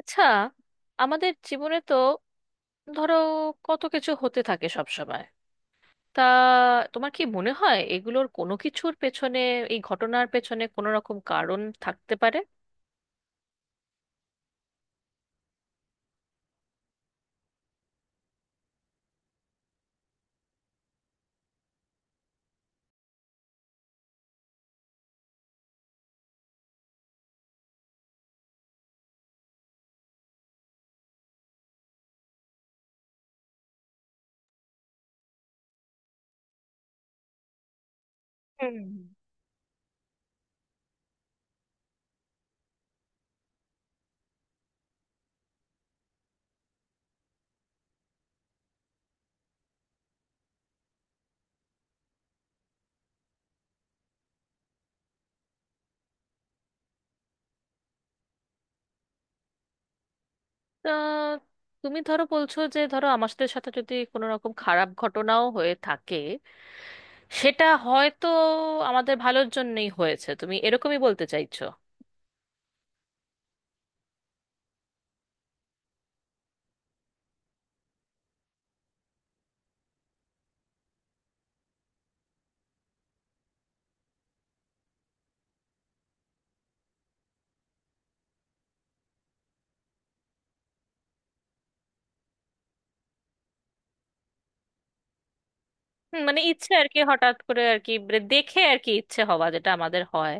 আচ্ছা, আমাদের জীবনে তো, ধরো, কত কিছু হতে থাকে সব সময়। তা তোমার কি মনে হয় এগুলোর কোনো কিছুর পেছনে, এই ঘটনার পেছনে কোনো রকম কারণ থাকতে পারে? হুম। তা তুমি ধরো বলছো যে, ধরো আমার সাথে সাথে যদি কোনো রকম খারাপ ঘটনাও হয়ে থাকে, সেটা হয়তো আমাদের ভালোর জন্যই হয়েছে, তুমি এরকমই বলতে চাইছো? মানে ইচ্ছে আর কি, হঠাৎ করে আর কি, মানে দেখে আর কি ইচ্ছে হওয়া, যেটা আমাদের হয়।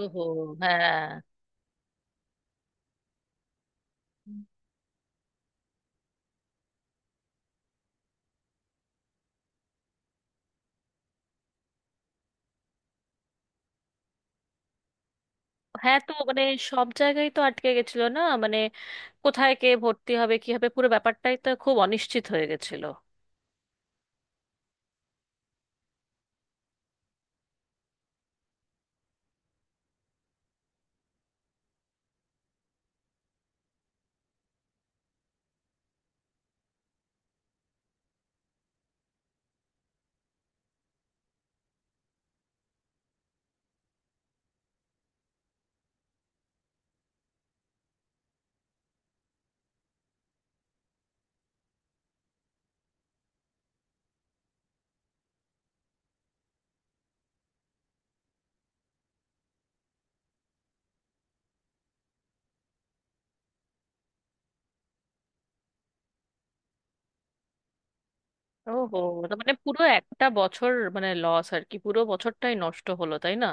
ওহো, হ্যাঁ। হ্যাঁ, তো মানে সব জায়গায় তো আটকে গেছিল না মানে, কোথায় কে ভর্তি হবে কি হবে, পুরো ব্যাপারটাই তো খুব অনিশ্চিত হয়ে গেছিল। ওহো, তো মানে পুরো একটা বছর মানে লস আর কি, পুরো বছরটাই নষ্ট হলো তাই না?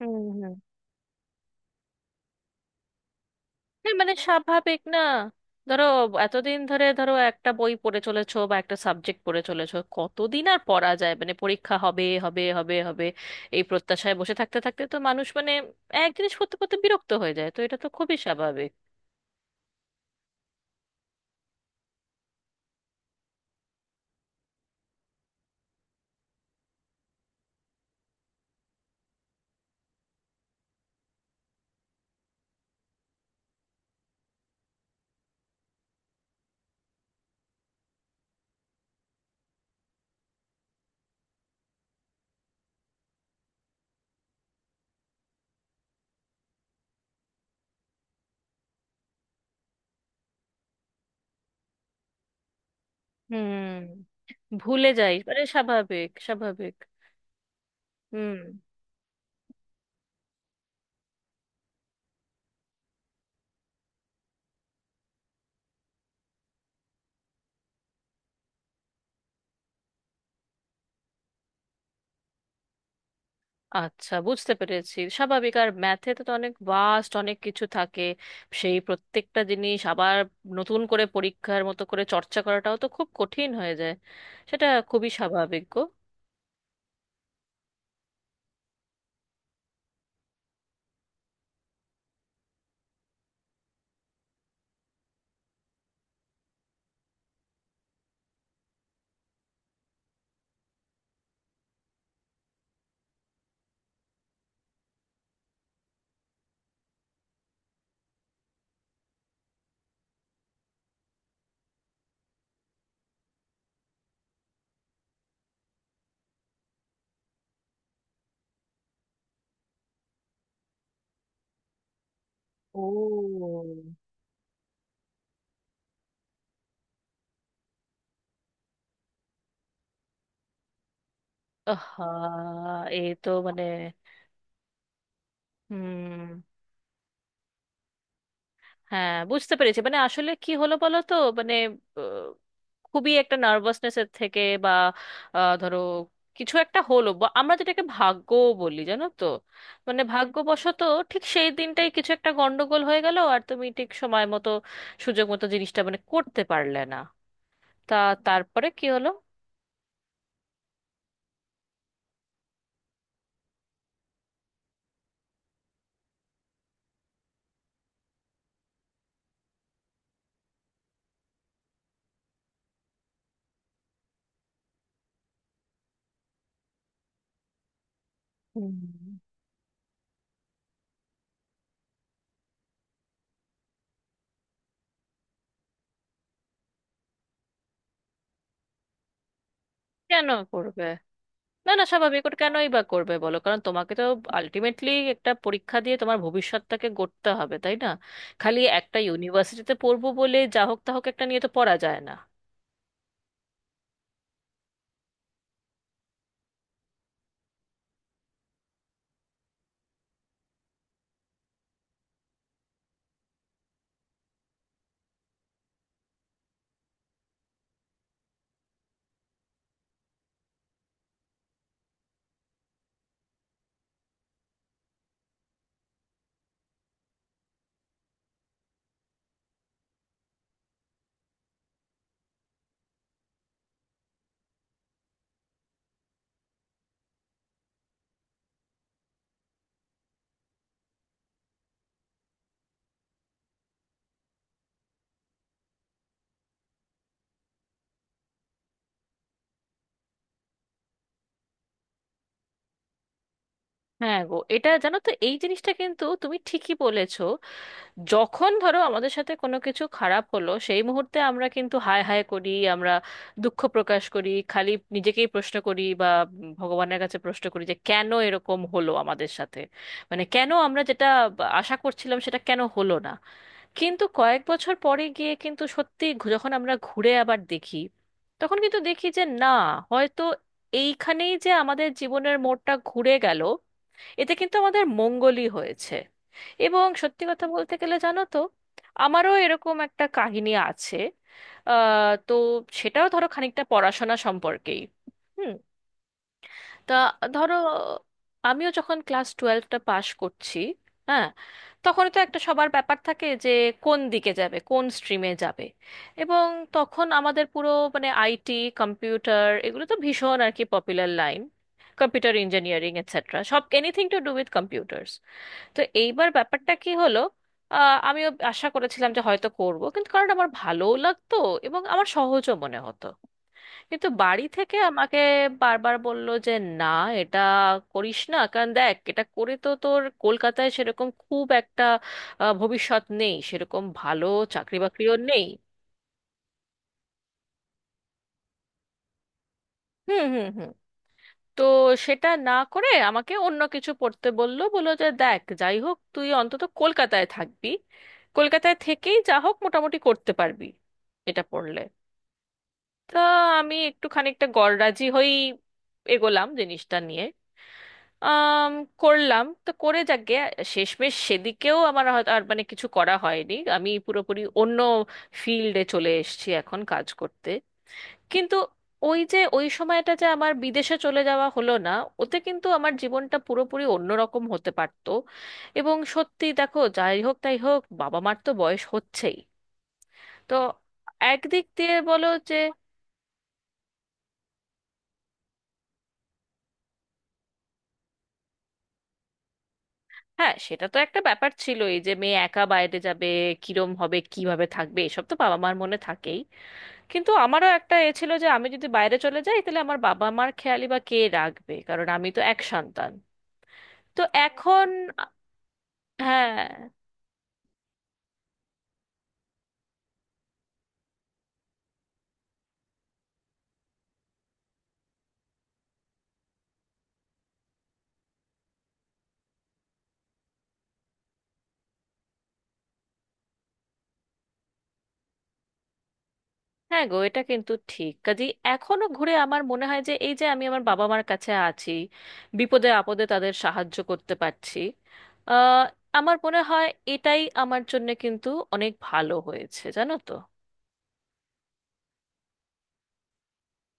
হুম হুম। হ্যাঁ, মানে স্বাভাবিক না। ধরো এতদিন ধরে, ধরো একটা বই পড়ে চলেছো বা একটা সাবজেক্ট পড়ে চলেছো, কতদিন আর পড়া যায় মানে, পরীক্ষা হবে হবে হবে হবে এই প্রত্যাশায় বসে থাকতে থাকতে তো মানুষ মানে এক জিনিস করতে করতে বিরক্ত হয়ে যায়, তো এটা তো খুবই স্বাভাবিক। হুম, ভুলে যাই, আরে স্বাভাবিক, স্বাভাবিক। হুম। আচ্ছা, বুঝতে পেরেছি, স্বাভাবিক। আর ম্যাথে তো অনেক ভাস্ট, অনেক কিছু থাকে। সেই প্রত্যেকটা জিনিস আবার নতুন করে পরীক্ষার মতো করে চর্চা করাটাও তো খুব কঠিন হয়ে যায়। সেটা খুবই স্বাভাবিক গো। ও। আহা। এ তো মানে, হুম। হ্যাঁ, বুঝতে পেরেছি। মানে আসলে কি হলো বলো তো, মানে আহ, খুবই একটা নার্ভাসনেসের থেকে বা ধরো কিছু একটা হলো, বা আমরা যেটাকে ভাগ্য বলি জানো তো, মানে ভাগ্যবশত ঠিক সেই দিনটাই কিছু একটা গন্ডগোল হয়ে গেল, আর তুমি ঠিক সময় মতো, সুযোগ মতো জিনিসটা মানে করতে পারলে না। তা তারপরে কি হলো? হুম। কেন করবে? না না, স্বাভাবিক, ওটা কেনই বা করবে বলো, কারণ তোমাকে তো আলটিমেটলি একটা পরীক্ষা দিয়ে তোমার ভবিষ্যৎটাকে গড়তে হবে তাই না? খালি একটা ইউনিভার্সিটিতে পড়বো বলে যা হোক তা হোক একটা নিয়ে তো পড়া যায় না। হ্যাঁ গো, এটা জানো তো, এই জিনিসটা কিন্তু তুমি ঠিকই বলেছো। যখন ধরো আমাদের সাথে কোনো কিছু খারাপ হলো, সেই মুহূর্তে আমরা কিন্তু হায় হায় করি, আমরা দুঃখ প্রকাশ করি, খালি নিজেকেই প্রশ্ন করি বা ভগবানের কাছে প্রশ্ন করি যে কেন এরকম হলো আমাদের সাথে, মানে কেন আমরা যেটা আশা করছিলাম সেটা কেন হলো না। কিন্তু কয়েক বছর পরে গিয়ে কিন্তু সত্যি যখন আমরা ঘুরে আবার দেখি, তখন কিন্তু দেখি যে না, হয়তো এইখানেই যে আমাদের জীবনের মোড়টা ঘুরে গেল, এতে কিন্তু আমাদের মঙ্গলই হয়েছে। এবং সত্যি কথা বলতে গেলে জানো তো, আমারও এরকম একটা কাহিনী আছে। তো সেটাও ধরো খানিকটা পড়াশোনা সম্পর্কেই। হুম। তা ধরো আমিও যখন ক্লাস টুয়েলভটা পাশ করছি, হ্যাঁ, তখন তো একটা সবার ব্যাপার থাকে যে কোন দিকে যাবে, কোন স্ট্রিমে যাবে। এবং তখন আমাদের পুরো, মানে আইটি, কম্পিউটার, এগুলো তো ভীষণ আর কি popular line. Computer engineering etcetera, সব anything to do with computers. তো এইবার ব্যাপারটা কি হলো, আমিও আশা করেছিলাম যে হয়তো করব, কিন্তু কারণ আমার ভালোও লাগতো এবং আমার সহজও মনে হতো। কিন্তু বাড়ি থেকে আমাকে বারবার বলল যে না, এটা করিস না, কারণ দেখ এটা করে তো তোর কলকাতায় সেরকম খুব একটা ভবিষ্যৎ নেই, সেরকম ভালো চাকরি বাকরিও নেই। হুম হুম হুম। তো সেটা না করে আমাকে অন্য কিছু পড়তে বললো, বললো যে দেখ যাই হোক তুই অন্তত কলকাতায় থাকবি, কলকাতায় থেকেই যা হোক মোটামুটি করতে পারবি এটা পড়লে। তা আমি একটু খানিকটা গড়রাজি হয়েই এগোলাম জিনিসটা নিয়ে। আম, করলাম, তো করে যাক গে। শেষমেশ সেদিকেও আমার হয়তো আর মানে কিছু করা হয়নি, আমি পুরোপুরি অন্য ফিল্ডে চলে এসেছি এখন কাজ করতে। কিন্তু ওই যে ওই সময়টা যে আমার বিদেশে চলে যাওয়া হলো না, ওতে কিন্তু আমার জীবনটা পুরোপুরি অন্যরকম হতে পারতো। এবং সত্যি দেখো, যাই হোক তাই হোক, বাবা মার তো বয়স হচ্ছেই, তো একদিক দিয়ে বলো যে, হ্যাঁ, সেটা তো একটা ব্যাপার ছিলই যে মেয়ে একা বাইরে যাবে, কিরম হবে, কিভাবে থাকবে, এসব তো বাবা মার মনে থাকেই। কিন্তু আমারও একটা এ ছিল যে আমি যদি বাইরে চলে যাই তাহলে আমার বাবা মার খেয়ালি বা কে রাখবে, কারণ আমি তো এক সন্তান। তো এখন, হ্যাঁ। হ্যাঁ গো, এটা কিন্তু ঠিক কাজে, এখনো ঘুরে আমার মনে হয় যে এই যে আমি আমার বাবা মার কাছে আছি, বিপদে আপদে তাদের সাহায্য করতে পারছি, আহ আমার মনে হয় এটাই আমার জন্য কিন্তু অনেক ভালো হয়েছে জানো তো।